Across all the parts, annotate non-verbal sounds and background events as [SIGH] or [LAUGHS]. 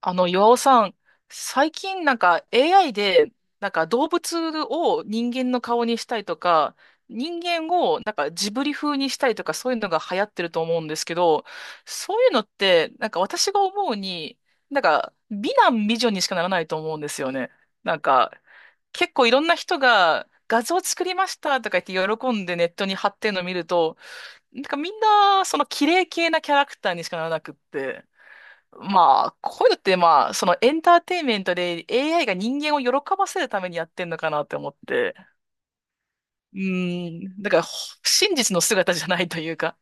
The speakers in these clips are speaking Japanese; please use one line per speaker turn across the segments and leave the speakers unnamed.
岩尾さん、最近AI で、動物を人間の顔にしたりとか、人間をジブリ風にしたりとか、そういうのが流行ってると思うんですけど、そういうのって、私が思うに、美男美女にしかならないと思うんですよね。なんか、結構いろんな人が画像作りましたとか言って喜んでネットに貼ってるのを見ると、みんなその綺麗系なキャラクターにしかならなくって。まあ、こういうのって、まあ、そのエンターテインメントで AI が人間を喜ばせるためにやってんのかなって思って。だからほ真実の姿じゃないというか、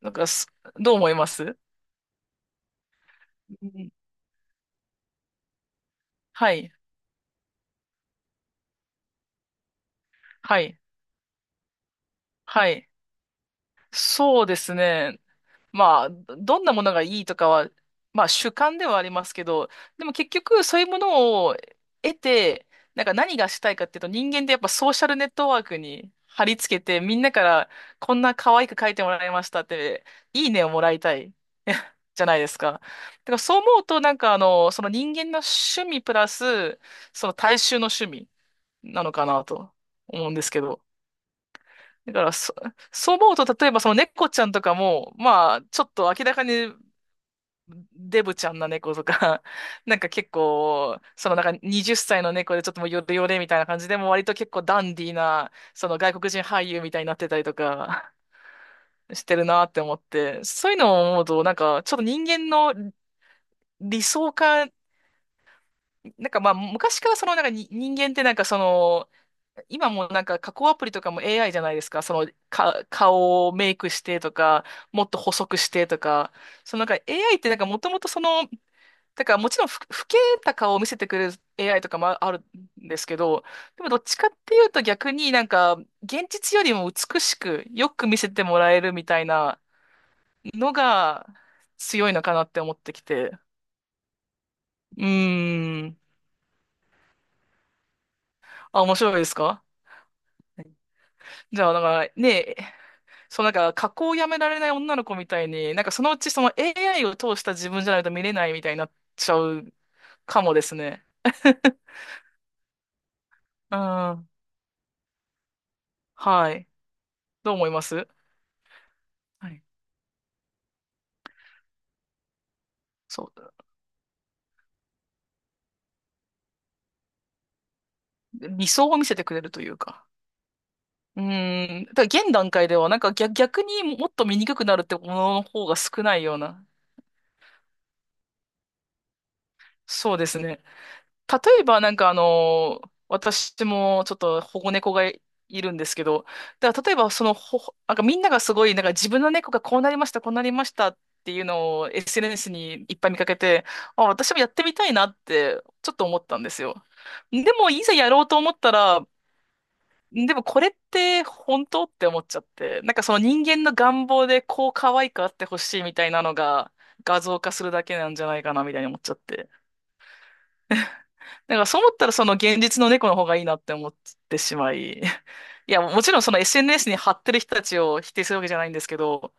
なんかす、どう思います？うんはい、はい、はい。そうですね。まあ、どんなものがいいとかは、まあ主観ではありますけど、でも結局そういうものを得て、何がしたいかっていうと、人間ってやっぱソーシャルネットワークに貼り付けて、みんなからこんな可愛く書いてもらいましたって、いいねをもらいたい。[LAUGHS] じゃないですか。だからそう思うと、その人間の趣味プラス、その大衆の趣味なのかなと思うんですけど。だからそ、そう思うと、例えばその猫ちゃんとかも、まあ、ちょっと明らかにデブちゃんな猫とか、[LAUGHS] 結構、20歳の猫でちょっともうヨレヨレみたいな感じで、もう割と結構ダンディーな、その外国人俳優みたいになってたりとか、 [LAUGHS] してるなって思って、そういうのを思うと、ちょっと人間の理想化、昔からそのなんかに人間って今も加工アプリとかも AI じゃないですか。顔をメイクしてとか、もっと細くしてとか。そのなんか AI ってなんかもともとそのだからもちろんふ、老けた顔を見せてくれる AI とかあるんですけど、でもどっちかっていうと、逆に現実よりも美しくよく見せてもらえるみたいなのが強いのかなって思ってきて。うーん。あ、面白いですか？じゃあ、かね、そう、加工をやめられない女の子みたいに、そのうちその AI を通した自分じゃないと見れないみたいになっちゃうかもですね。[LAUGHS] うん。はい。どう思います？はい。そう。で、理想を見せてくれるというか。うーん。だから現段階では、逆にもっと見にくくなるってものの方が少ないような。そうですね。例えば、私もちょっと保護猫がいるんですけど、だから例えば、そのほ、みんながすごい、自分の猫がこうなりましたっていうのを SNS にいっぱい見かけて、あ、私もやってみたいなって、ちょっと思ったんですよ。でも、いざやろうと思ったら、でもこれって本当？って思っちゃって、その人間の願望でこう可愛くあってほしいみたいなのが画像化するだけなんじゃないかなみたいに思っちゃって。だからそう思ったら、その現実の猫の方がいいなって思ってしまい。[LAUGHS] いや、もちろんその SNS に貼ってる人たちを否定するわけじゃないんですけど、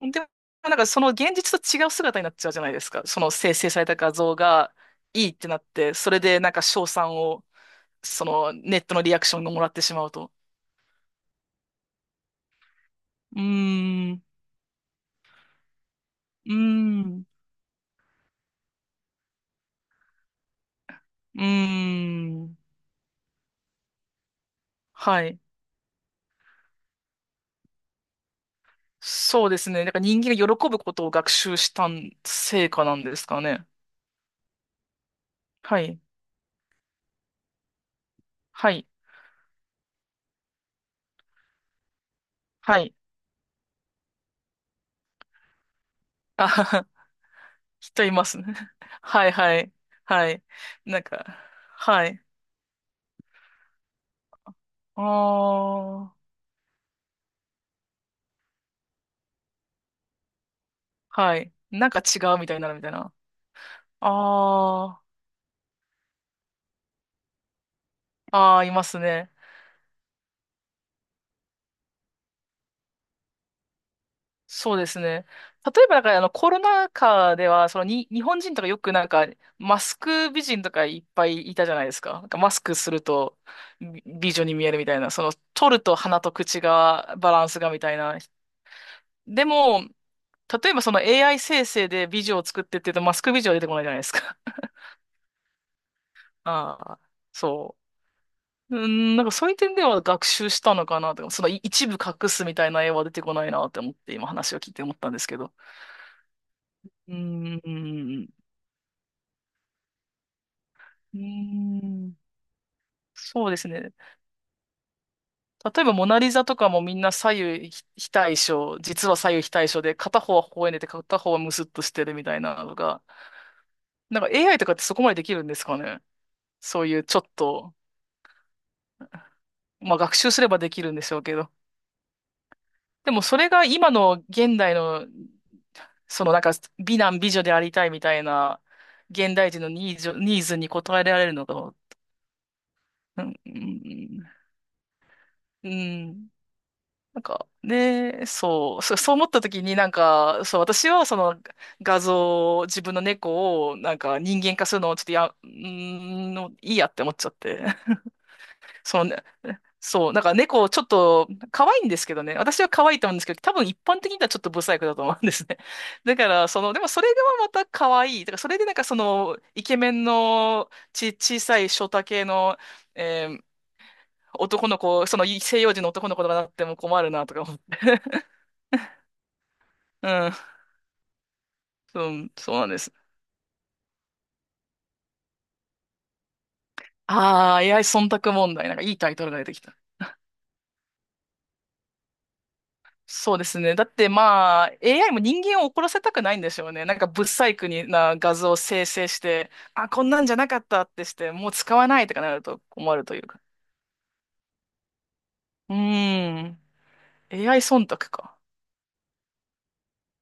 でもその現実と違う姿になっちゃうじゃないですか。その生成された画像がいいってなって、それで称賛を、そのネットのリアクションがもらってしまうと。うーん。うーん。うーん。はい。そうですね。人間が喜ぶことを学習した成果なんですかね。はい。はい。はい。あはは。人いますね。[LAUGHS] はいはい。はい。なんか、はい。ああ。はい。なんか違うみたいになるみたいな。ああ。ああ、いますね。そうですね。例えば、コロナ禍では、そのに、日本人とかよくマスク美人とかいっぱいいたじゃないですか。なんかマスクすると美女に見えるみたいな、その、取ると鼻と口が、バランスがみたいな。でも、例えばその AI 生成で美女を作ってって言うと、マスク美女は出てこないじゃないですか。[LAUGHS] ああ、そう。うん、そういう点では学習したのかなとか、そのい一部隠すみたいな絵は出てこないなって思って、今話を聞いて思ったんですけど。うん。うーん。そうですね。例えば、モナリザとかもみんな左右非対称、実は左右非対称で、片方は微笑んでて、片方はムスッとしてるみたいなのが、AI とかってそこまでできるんですかね。そういうちょっと、まあ学習すればできるんでしょうけど。でもそれが今の現代の、そのなんか美男美女でありたいみたいな、現代人のニーズに応えられるのか、うん、うん、うんそう、[LAUGHS] そう思った時にそう、私はその画像、自分の猫を人間化するのをちょっとや、うーんの、いいやって思っちゃって。[LAUGHS] そのね、そう、猫ちょっと可愛いんですけどね、私は可愛いと思うんですけど、多分一般的にはちょっとブサイクだと思うんですね。[LAUGHS] だから、その、でもそれがまた可愛い。だからそれでイケメンのち、小さいショタ系の、えー男の子、その西洋人の男の子とかなっても困るなとか思って。[LAUGHS] うん。うん、そうなんです。ああ、AI 忖度問題。なんかいいタイトルが出てきた。そうですね。だってまあ、AI も人間を怒らせたくないんでしょうね。なんか不細工な画像を生成して、あ、こんなんじゃなかったってして、もう使わないとかなると困るというか。うーん。AI 忖度か。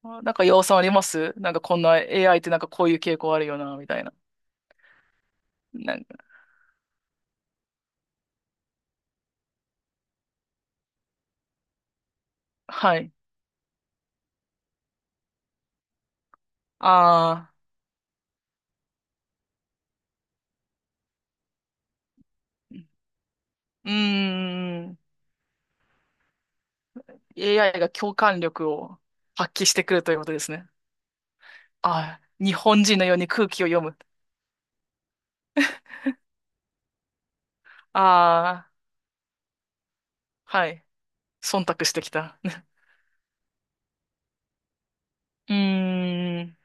あ、なんか要さんあります？なんかこんな AI ってなんかこういう傾向あるよな、みたいな。なんか、はい。ああ、うーん。AI が共感力を発揮してくるということですね。あ、日本人のように空気を読む。ああ、はい。忖度してきた。[LAUGHS] うーん。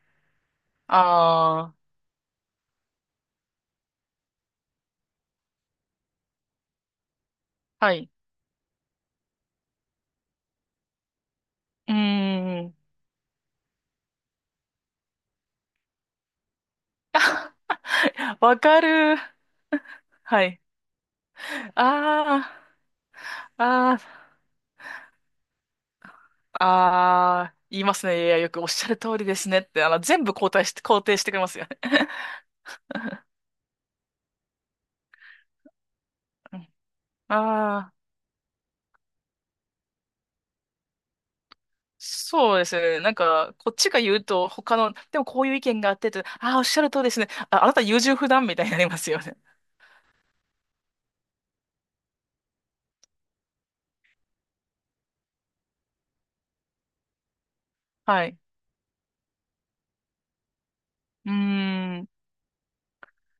ああ、はい。うーん。[LAUGHS] わかる。はい。ああ、ああ、言いますね。いや、よくおっしゃる通りですねって、あの、全部肯定して、肯定してくれますよね。[LAUGHS] うん。ああ、そうですね。なんか、こっちが言うと、でもこういう意見があってと、ああ、おっしゃる通りですね。あ、あなた優柔不断みたいになりますよね。はい。うーん。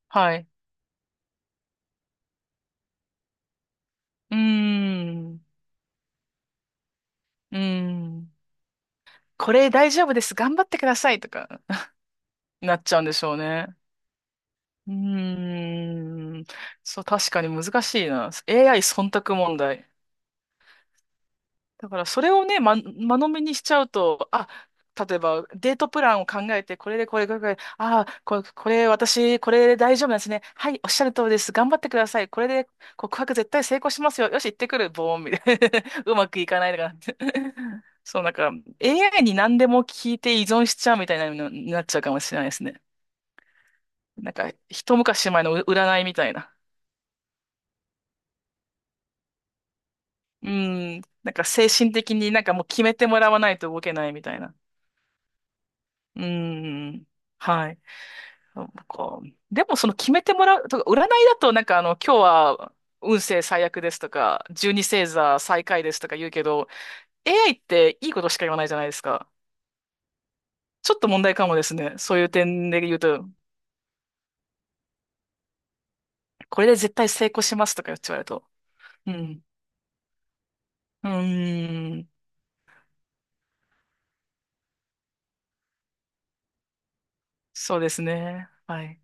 はい。うーん。うーん。これ大丈夫です。頑張ってくださいとか [LAUGHS] なっちゃうんでしょうね。うーん。そう、確かに難しいな。AI 忖度問題。だからそれをね、間延びにしちゃうと、あ、例えばデートプランを考えて、これでこれ、これ、これ、ああ、これ、これ私、これで大丈夫なんですね。はい、おっしゃる通りです。頑張ってください。これで告白絶対成功しますよ。よし、行ってくる。ボーン、みたいな。[LAUGHS] うまくいかないとかなって。[LAUGHS] そう、なんか AI に何でも聞いて依存しちゃうみたいなのになっちゃうかもしれないですね。なんか、一昔前の占いみたいな。うん、なんか精神的にもう決めてもらわないと動けないみたいな。うん、はい。なんか、でもその決めてもらう、とか、占いだと今日は運勢最悪ですとか、十二星座最下位ですとか言うけど、AI っていいことしか言わないじゃないですか。ちょっと問題かもですね、そういう点で言うと。これで絶対成功しますとか言って言われると。うん。うーん。そうですね。はい。